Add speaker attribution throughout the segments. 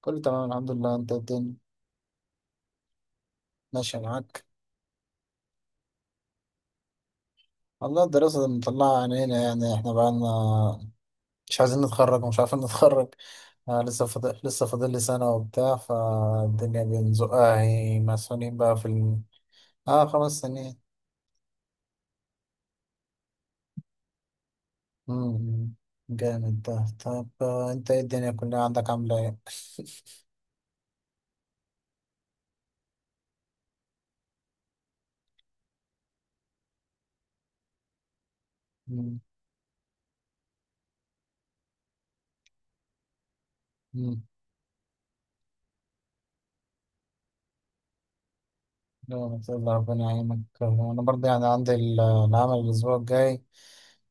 Speaker 1: كله تمام الحمد لله. انت الدنيا ماشية معاك؟ والله الدراسة اللي مطلعة عينينا، يعني احنا بقالنا مش عايزين نتخرج ومش عارفين نتخرج. آه لسه فاضل لي سنة وبتاع، فالدنيا بنزقها هي، مسؤولين بقى في ال... اه 5 سنين. مم. جامد ده. طب آه، انت ايه الدنيا كلها عندك عاملة ايه؟ مم. مم. لا ما شاء الله ربنا يعينك. آه، انا برضه يعني عندي العمل الاسبوع الجاي.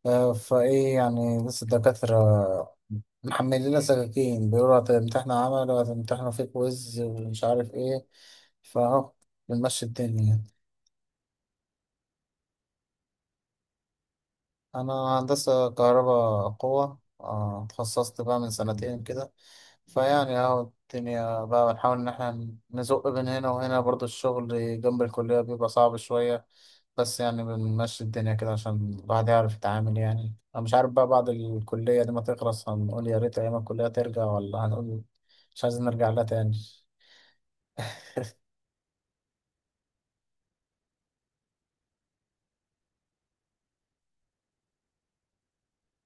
Speaker 1: آه، فايه يعني لسه الدكاترة محملين لنا سكاكين، بيقولوا هتمتحنوا عمل وهتمتحنوا في كويز ومش عارف ايه، فاهو بنمشي الدنيا يعني. انا هندسة كهرباء قوة. آه، اتخصصت بقى من 2 سنين كده. فيعني اهو الدنيا بقى بنحاول ان احنا نزق بين هنا وهنا، برضو الشغل جنب الكلية بيبقى صعب شوية، بس يعني بنمشي الدنيا كده عشان الواحد يعرف يتعامل. يعني انا مش عارف بقى بعد الكلية دي ما تخلص هنقول يا ريت ايام الكلية ترجع ولا هنقول مش عايزين نرجع لها تاني.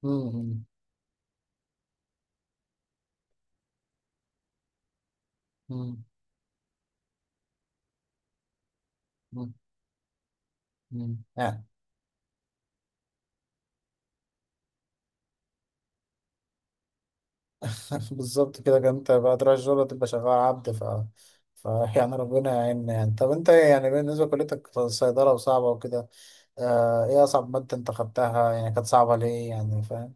Speaker 1: مم. مم. مم. مم. يعني بالظبط كده كان. انت بعد راس الجولة تبقى شغال عبد، ف... ف يعني ربنا يعيننا. يعني طب انت يعني بالنسبة لكليتك صيدلة وصعبة وكده، آه ايه أصعب مادة انت خدتها، يعني كانت صعبة ليه يعني، فاهم؟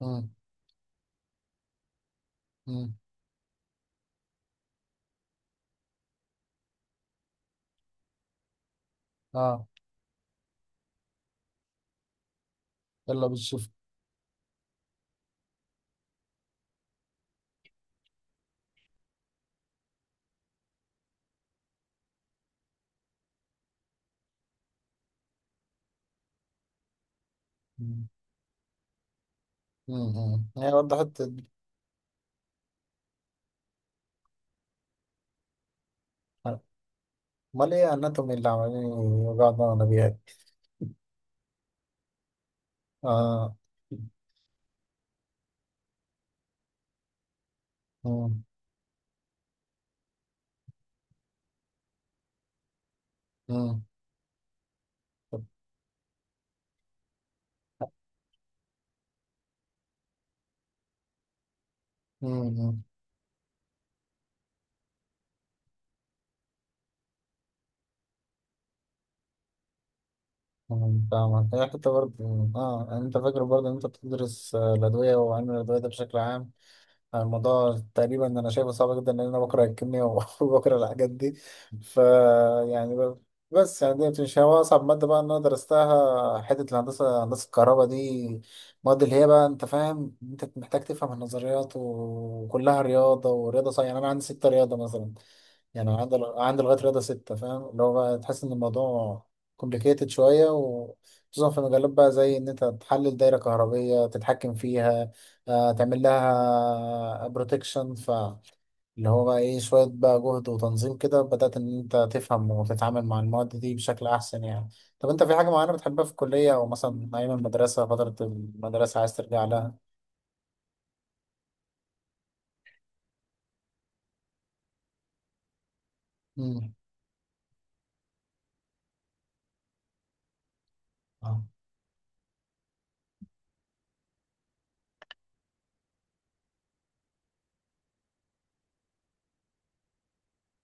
Speaker 1: مم. مم. اه. يلا بالشفت. مم. مم. هي وضحت. امال ايه اناتومي اللي عمالين يوجعوا دماغنا بيها دي؟ اه. مم. مم. مم. أمم، فاهمك. هي حتة برضه اه. يعني انت فاكر برضه ان انت بتدرس آه، الادوية وعلم الادوية ده بشكل عام. آه، الموضوع تقريبا انا شايفه صعب جدا لان انا بكره الكيمياء وبكره الحاجات دي. ف يعني بس يعني دي مش هو اصعب مادة بقى ان انا درستها. حتة الهندسة، هندسة الكهرباء دي، المواد اللي هي بقى انت فاهم انت محتاج تفهم النظريات، وكلها رياضة ورياضة صحيحة. يعني انا عندي ستة رياضة مثلا. يعني أنا عندي لغاية رياضة ستة، فاهم اللي هو بقى؟ تحس إن الموضوع كومبليكيتد شوية، وخصوصا في مجالات بقى زي إن أنت تحلل دايرة كهربية تتحكم فيها آه، تعمل لها بروتكشن، فاللي هو بقى إيه شوية بقى جهد وتنظيم، كده بدأت إن أنت تفهم وتتعامل مع المواد دي بشكل أحسن يعني. طب أنت في حاجة معينة بتحبها في الكلية، أو مثلا أيام المدرسة، فترة المدرسة عايز ترجع لها؟ امم. اه.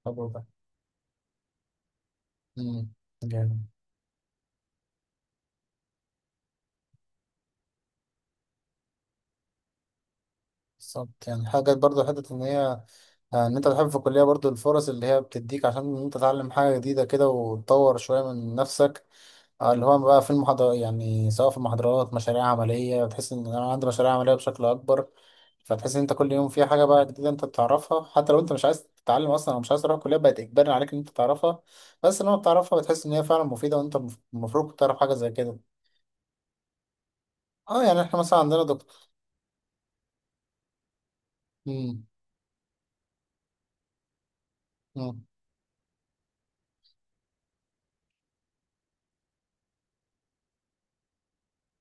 Speaker 1: حلو ده. امم. بالظبط، يعني حاجة برضو. حتة إن هي آه، إن أنت تحب في الكلية برضو الفرص اللي هي بتديك عشان إن أنت تتعلم حاجة جديدة كده وتطور شوية من نفسك. آه، اللي هو بقى في المحاضرة، يعني سواء في المحاضرات، مشاريع عملية، بتحس إن أنا عندي مشاريع عملية بشكل أكبر. فتحس إن أنت كل يوم في حاجة بقى جديدة أنت بتعرفها. حتى لو أنت مش عايز تتعلم أصلا، أو مش عايز تروح الكلية، بقت إجباري عليك إن أنت تعرفها. بس لما بتعرفها بتحس إن هي فعلا مفيدة، وأنت المفروض كنت تعرف حاجة زي كده. أه يعني إحنا مثلا عندنا دكتور. مم.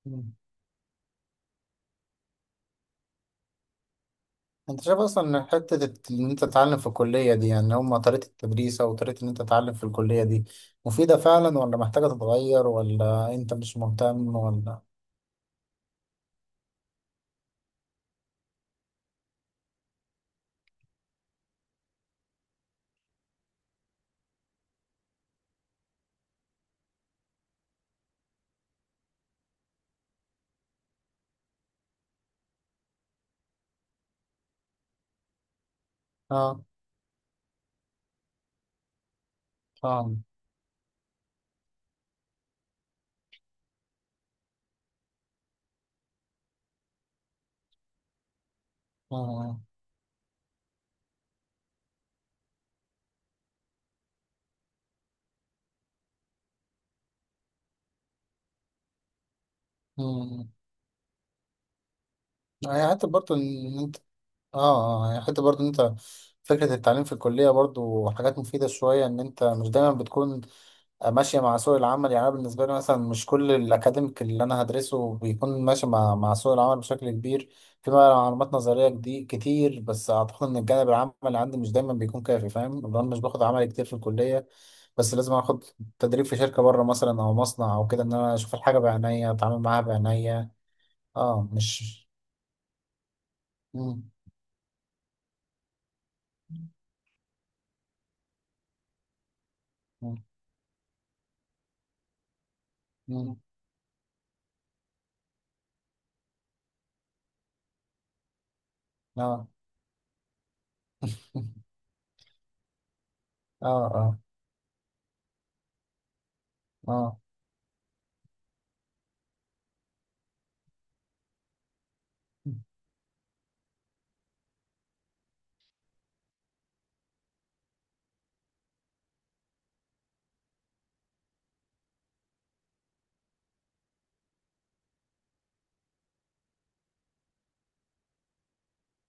Speaker 1: مم. انت شايف اصلا ان حته ان انت تتعلم في الكليه دي، يعني هم طريقه التدريس، او طريقه ان انت تتعلم في الكليه دي مفيده فعلا، ولا محتاجه تتغير، ولا انت مش مهتم ولا؟ اه. فاهم. اه. امم. هي حته برضه ان انت اه هي حته برضه ان انت فكره التعليم في الكليه، برضه حاجات مفيده شويه، ان انت مش دايما بتكون ماشية مع سوق العمل. يعني أنا بالنسبة لي مثلا مش كل الأكاديميك اللي أنا هدرسه بيكون ماشي مع سوق العمل بشكل كبير. في معلومات نظرية كتير، بس أعتقد إن الجانب العملي عندي مش دايما بيكون كافي، فاهم؟ لأن أنا مش باخد عملي كتير في الكلية. بس لازم آخد تدريب في شركة بره مثلا، أو مصنع أو كده، إن أنا أشوف الحاجة بعينيا، أتعامل معاها بعينيا. أه مش مم. مم. مم. أه أه أه أه.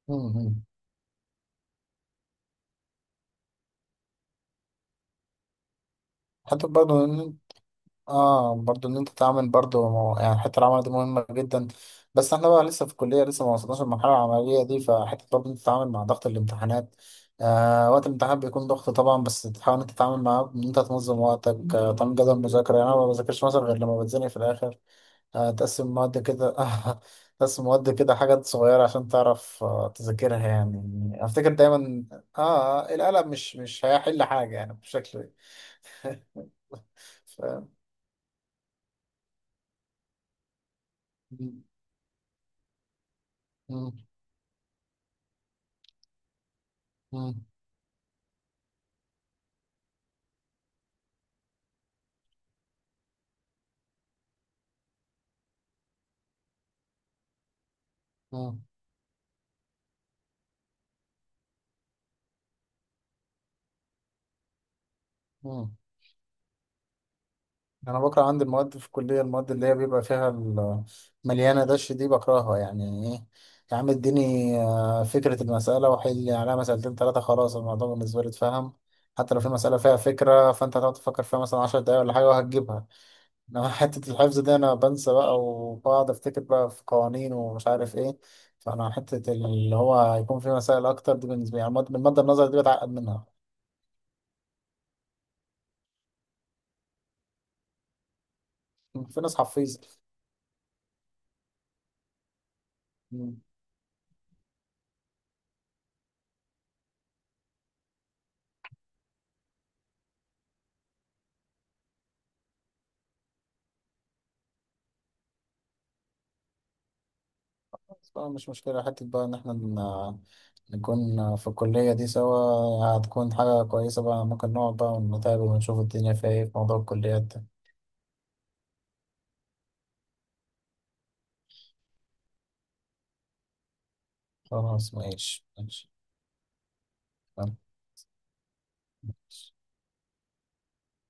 Speaker 1: مم. مم. حتى برضه اه، برضو ان انت تعمل برضو يعني حته العمل دي مهمه جدا. بس احنا بقى لسه في الكليه، لسه ما وصلناش للمرحله العمليه دي. فحته برضو إن انت تتعامل مع ضغط الامتحانات، آه وقت الامتحان بيكون ضغط طبعا، بس تحاول انت تتعامل معاه، ان انت تنظم وقتك آه، تعمل جدول مذاكره. يعني انا ما بذاكرش مثلا غير لما بتزنق في الاخر، آه تقسم مواد كده تقسم مواد كده، حاجات صغيره عشان تعرف آه تذاكرها يعني. افتكر دايما اه آه، القلم مش هيحل حاجه يعني بشكل ف... م- م- مم. مم. انا بكره عندي المواد في الكليه، المواد اللي هي بيبقى فيها مليانه دش، دي بكرهها يعني. ايه. يا عم اديني آه، فكره المساله وحل عليها 2 3، خلاص الموضوع بالنسبه لي اتفهم. حتى لو في مساله فيها فكره، فانت هتقعد تفكر فيها مثلا 10 دقايق ولا حاجه وهتجيبها. انما حته الحفظ دي انا بنسى بقى، وبقعد افتكر بقى في قوانين ومش عارف ايه. فانا حته اللي هو هيكون في مسائل اكتر دي بالنسبه لي، يعني المادة النظري دي بتعقد منها. في ناس حفيظه. طبعا. مش مشكلة حتة بقى إن إحنا نكون في الكلية دي سوا، هتكون حاجة كويسة بقى. ممكن نقعد بقى ونتقابل ونشوف الدنيا فيها إيه في موضوع الكليات ده. خلاص ماشي ماشي. تمام.